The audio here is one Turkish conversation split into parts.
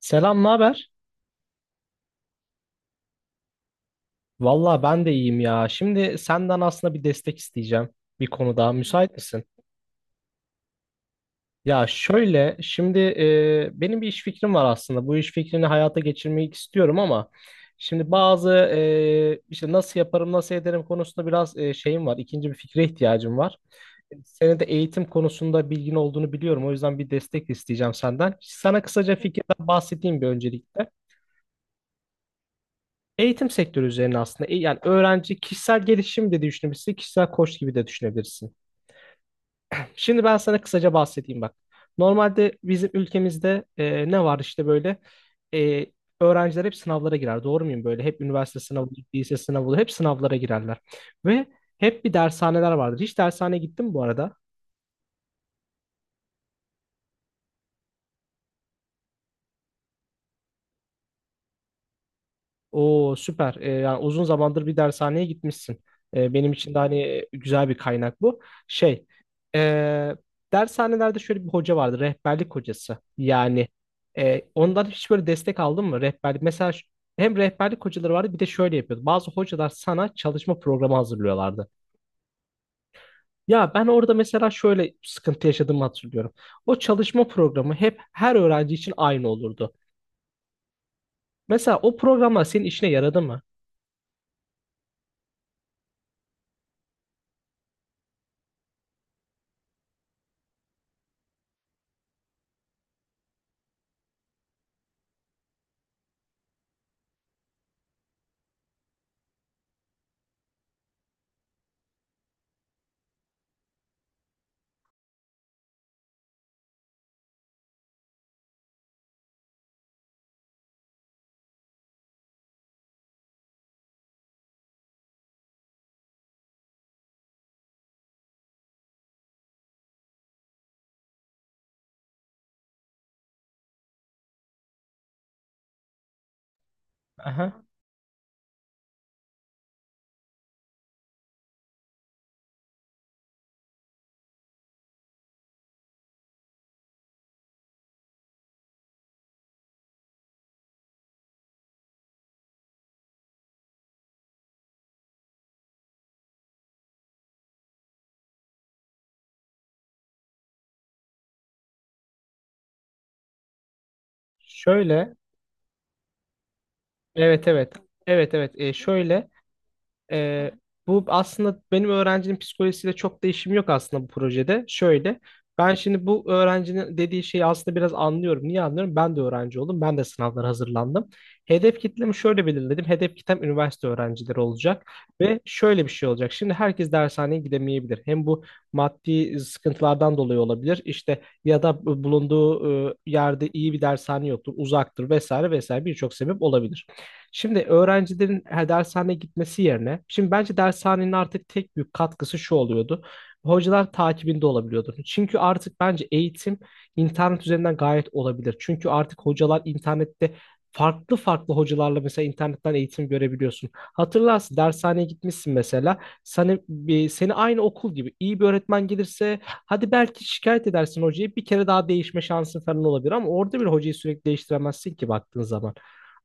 Selam, ne haber? Valla ben de iyiyim ya. Şimdi senden aslında bir destek isteyeceğim bir konuda. Müsait misin? Ya şöyle, şimdi benim bir iş fikrim var aslında. Bu iş fikrini hayata geçirmeyi istiyorum ama şimdi bazı işte nasıl yaparım, nasıl ederim konusunda biraz şeyim var. İkinci bir fikre ihtiyacım var. Senin de eğitim konusunda bilgin olduğunu biliyorum. O yüzden bir destek isteyeceğim senden. Sana kısaca fikirden bahsedeyim bir öncelikle. Eğitim sektörü üzerine aslında yani öğrenci kişisel gelişim de düşünebilirsin, kişisel koç gibi de düşünebilirsin. Şimdi ben sana kısaca bahsedeyim bak. Normalde bizim ülkemizde ne var işte böyle e, öğrenciler hep sınavlara girer. Doğru muyum böyle? Hep üniversite sınavı, lise sınavı, hep sınavlara girerler. Ve hep bir dershaneler vardır. Hiç dershaneye gittin mi bu arada? O süper. Yani uzun zamandır bir dershaneye gitmişsin. Benim için de hani güzel bir kaynak bu. Şey, ee, dershanelerde şöyle bir hoca vardı, rehberlik hocası. Yani ondan hiç böyle destek aldın mı? Rehberlik mesela hem rehberlik hocaları vardı, bir de şöyle yapıyordu. Bazı hocalar sana çalışma programı hazırlıyorlardı. Ya ben orada mesela şöyle sıkıntı yaşadığımı hatırlıyorum. O çalışma programı hep her öğrenci için aynı olurdu. Mesela o programlar senin işine yaradı mı? Aha. Şöyle. Evet, evet. Evet, evet. Şöyle e, bu aslında benim öğrencinin psikolojisiyle çok değişim yok aslında bu projede. Şöyle ben şimdi bu öğrencinin dediği şeyi aslında biraz anlıyorum. Niye anlıyorum? Ben de öğrenci oldum. Ben de sınavlara hazırlandım. Hedef kitlemi şöyle belirledim. Hedef kitlem üniversite öğrencileri olacak ve şöyle bir şey olacak. Şimdi herkes dershaneye gidemeyebilir. Hem bu maddi sıkıntılardan dolayı olabilir. İşte ya da bulunduğu yerde iyi bir dershane yoktur, uzaktır vesaire vesaire birçok sebep olabilir. Şimdi öğrencilerin her dershaneye gitmesi yerine, şimdi bence dershanenin artık tek büyük katkısı şu oluyordu. Hocalar takibinde olabiliyordu. Çünkü artık bence eğitim internet üzerinden gayet olabilir. Çünkü artık hocalar internette farklı farklı hocalarla mesela internetten eğitim görebiliyorsun. Hatırlarsın dershaneye gitmişsin mesela. Seni aynı okul gibi iyi bir öğretmen gelirse hadi belki şikayet edersin, hocayı bir kere daha değişme şansın falan olabilir, ama orada bir hocayı sürekli değiştiremezsin ki baktığın zaman.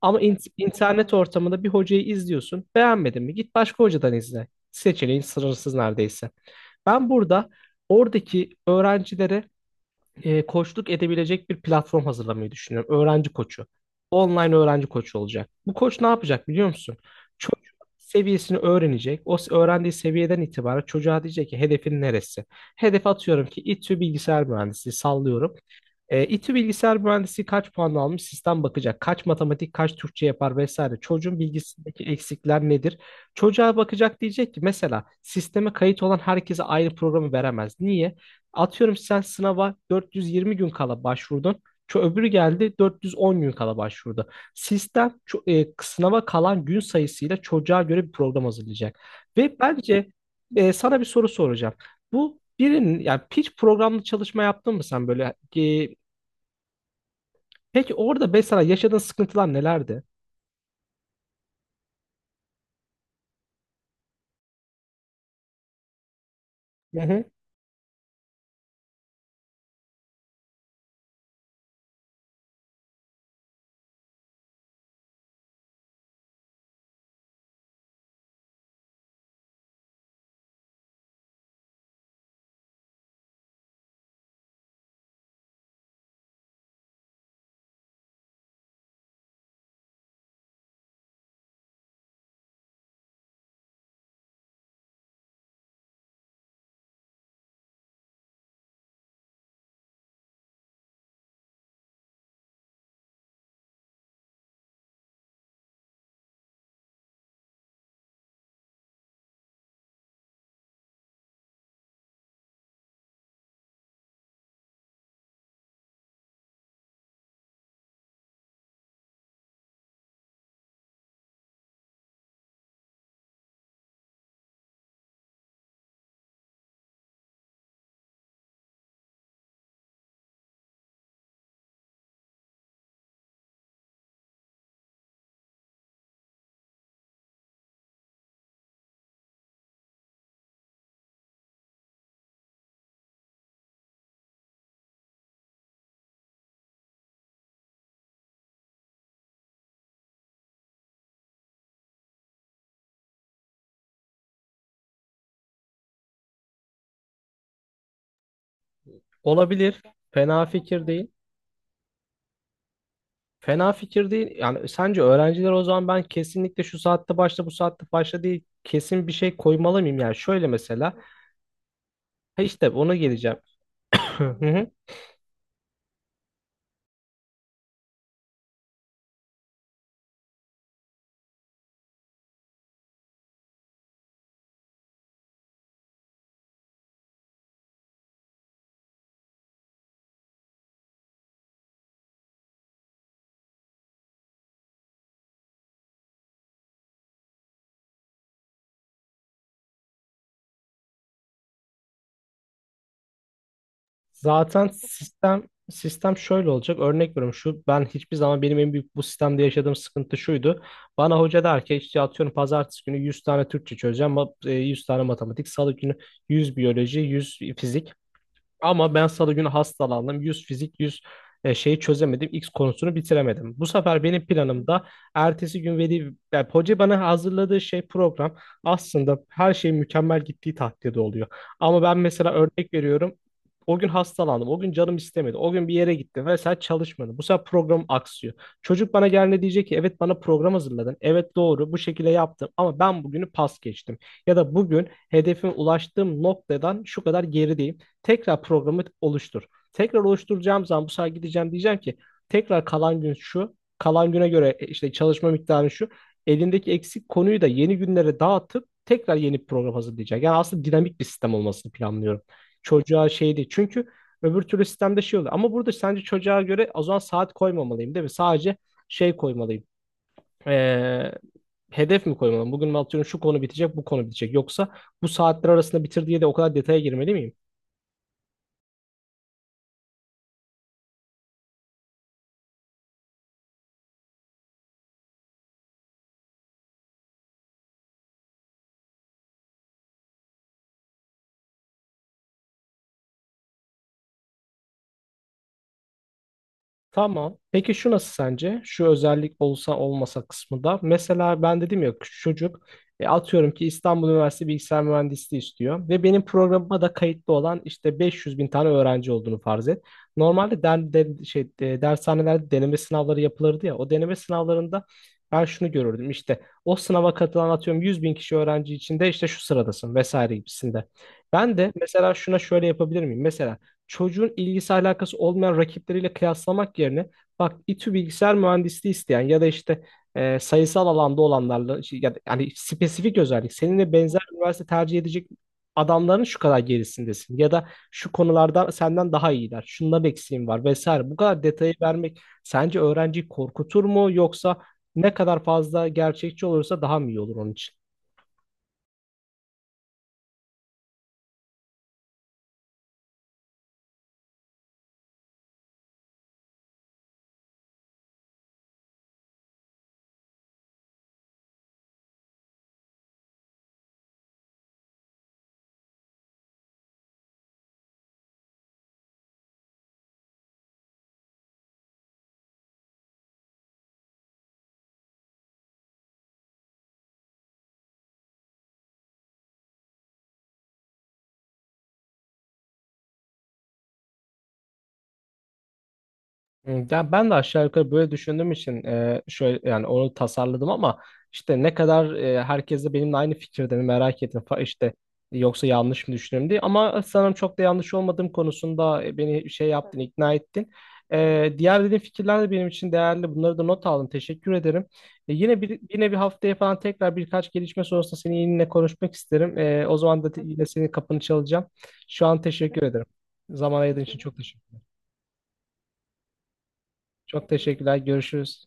Ama internet ortamında bir hocayı izliyorsun. Beğenmedin mi? Git başka hocadan izle. Seçeneğin sınırsız neredeyse. Ben burada oradaki öğrencilere koçluk edebilecek bir platform hazırlamayı düşünüyorum. Öğrenci koçu. Online öğrenci koçu olacak. Bu koç ne yapacak biliyor musun? Çocuk seviyesini öğrenecek. Öğrendiği seviyeden itibaren çocuğa diyecek ki hedefin neresi? Hedef atıyorum ki İTÜ bilgisayar mühendisliği sallıyorum. İTÜ Bilgisayar Mühendisliği kaç puan almış? Sistem bakacak. Kaç matematik, kaç Türkçe yapar vesaire. Çocuğun bilgisindeki eksikler nedir? Çocuğa bakacak diyecek ki mesela sisteme kayıt olan herkese aynı programı veremez. Niye? Atıyorum sen sınava 420 gün kala başvurdun. Öbürü geldi 410 gün kala başvurdu. Sistem sınava kalan gün sayısıyla çocuğa göre bir program hazırlayacak. Ve bence sana bir soru soracağım. Bu birinin yani hiç programlı çalışma yaptın mı sen böyle? Peki orada mesela yaşadığın sıkıntılar nelerdi? Hı hı. Olabilir. Fena fikir değil. Fena fikir değil. Yani sence öğrenciler o zaman, ben kesinlikle şu saatte başla bu saatte başla değil. Kesin bir şey koymalı mıyım? Yani şöyle mesela. Ha işte ona geleceğim. Hı hı. Zaten sistem şöyle olacak. Örnek veriyorum, şu ben hiçbir zaman benim en büyük bu sistemde yaşadığım sıkıntı şuydu. Bana hoca der ki işte atıyorum pazartesi günü 100 tane Türkçe çözeceğim. 100 tane matematik. Salı günü 100 biyoloji, 100 fizik. Ama ben salı günü hastalandım. 100 fizik, 100 şeyi çözemedim. X konusunu bitiremedim. Bu sefer benim planımda ertesi gün veli, yani hoca bana hazırladığı şey program aslında her şey mükemmel gittiği takdirde oluyor. Ama ben mesela örnek veriyorum. O gün hastalandım. O gün canım istemedi. O gün bir yere gittim ve sen çalışmadın. Bu sefer program aksıyor. Çocuk bana geldiğinde diyecek ki evet bana program hazırladın, evet doğru bu şekilde yaptım, ama ben bugünü pas geçtim. Ya da bugün hedefime ulaştığım noktadan şu kadar gerideyim. Tekrar programı oluştur. Tekrar oluşturacağım zaman bu sefer gideceğim, diyeceğim ki tekrar kalan gün şu, kalan güne göre işte çalışma miktarı şu. Elindeki eksik konuyu da yeni günlere dağıtıp tekrar yeni bir program hazırlayacak. Yani aslında dinamik bir sistem olmasını planlıyorum. Çocuğa şey değil. Çünkü öbür türlü sistemde şey oluyor. Ama burada sence çocuğa göre o zaman saat koymamalıyım değil mi? Sadece şey koymalıyım. Ee, hedef mi koymalıyım? Bugün atıyorum şu konu bitecek, bu konu bitecek. Yoksa bu saatler arasında bitir diye de o kadar detaya girmeli miyim? Tamam. Peki şu nasıl sence? Şu özellik olsa olmasa kısmı da. Mesela ben dedim ya, küçük çocuk atıyorum ki İstanbul Üniversitesi Bilgisayar Mühendisliği istiyor ve benim programıma da kayıtlı olan işte 500 bin tane öğrenci olduğunu farz et. Normalde dershanelerde deneme sınavları yapılırdı ya. O deneme sınavlarında ben şunu görürdüm işte, o sınava katılan atıyorum 100 bin kişi öğrenci içinde işte şu sıradasın vesaire gibisinde. Ben de mesela şuna şöyle yapabilir miyim? Mesela çocuğun ilgisi alakası olmayan rakipleriyle kıyaslamak yerine, bak İTÜ bilgisayar mühendisliği isteyen ya da işte sayısal alanda olanlarla ya da, yani spesifik özellik seninle benzer üniversite tercih edecek adamların şu kadar gerisindesin ya da şu konularda senden daha iyiler. Şunların eksiğin var vesaire. Bu kadar detayı vermek sence öğrenciyi korkutur mu, yoksa ne kadar fazla gerçekçi olursa daha mı iyi olur onun için? Hmm, ya ben de aşağı yukarı böyle düşündüğüm için şöyle yani onu tasarladım, ama işte ne kadar herkes de benimle aynı fikirde mi merak ettim işte, yoksa yanlış mı düşünüyorum diye, ama sanırım çok da yanlış olmadığım konusunda beni şey yaptın, ikna ettin. Diğer dediğin fikirler de benim için değerli. Bunları da not aldım. Teşekkür ederim. Yine bir haftaya falan tekrar birkaç gelişme sonrasında seni yine konuşmak isterim. O zaman da yine senin kapını çalacağım. Şu an teşekkür ederim. Zaman ayırdığın için çok teşekkür. Çok teşekkürler. Görüşürüz.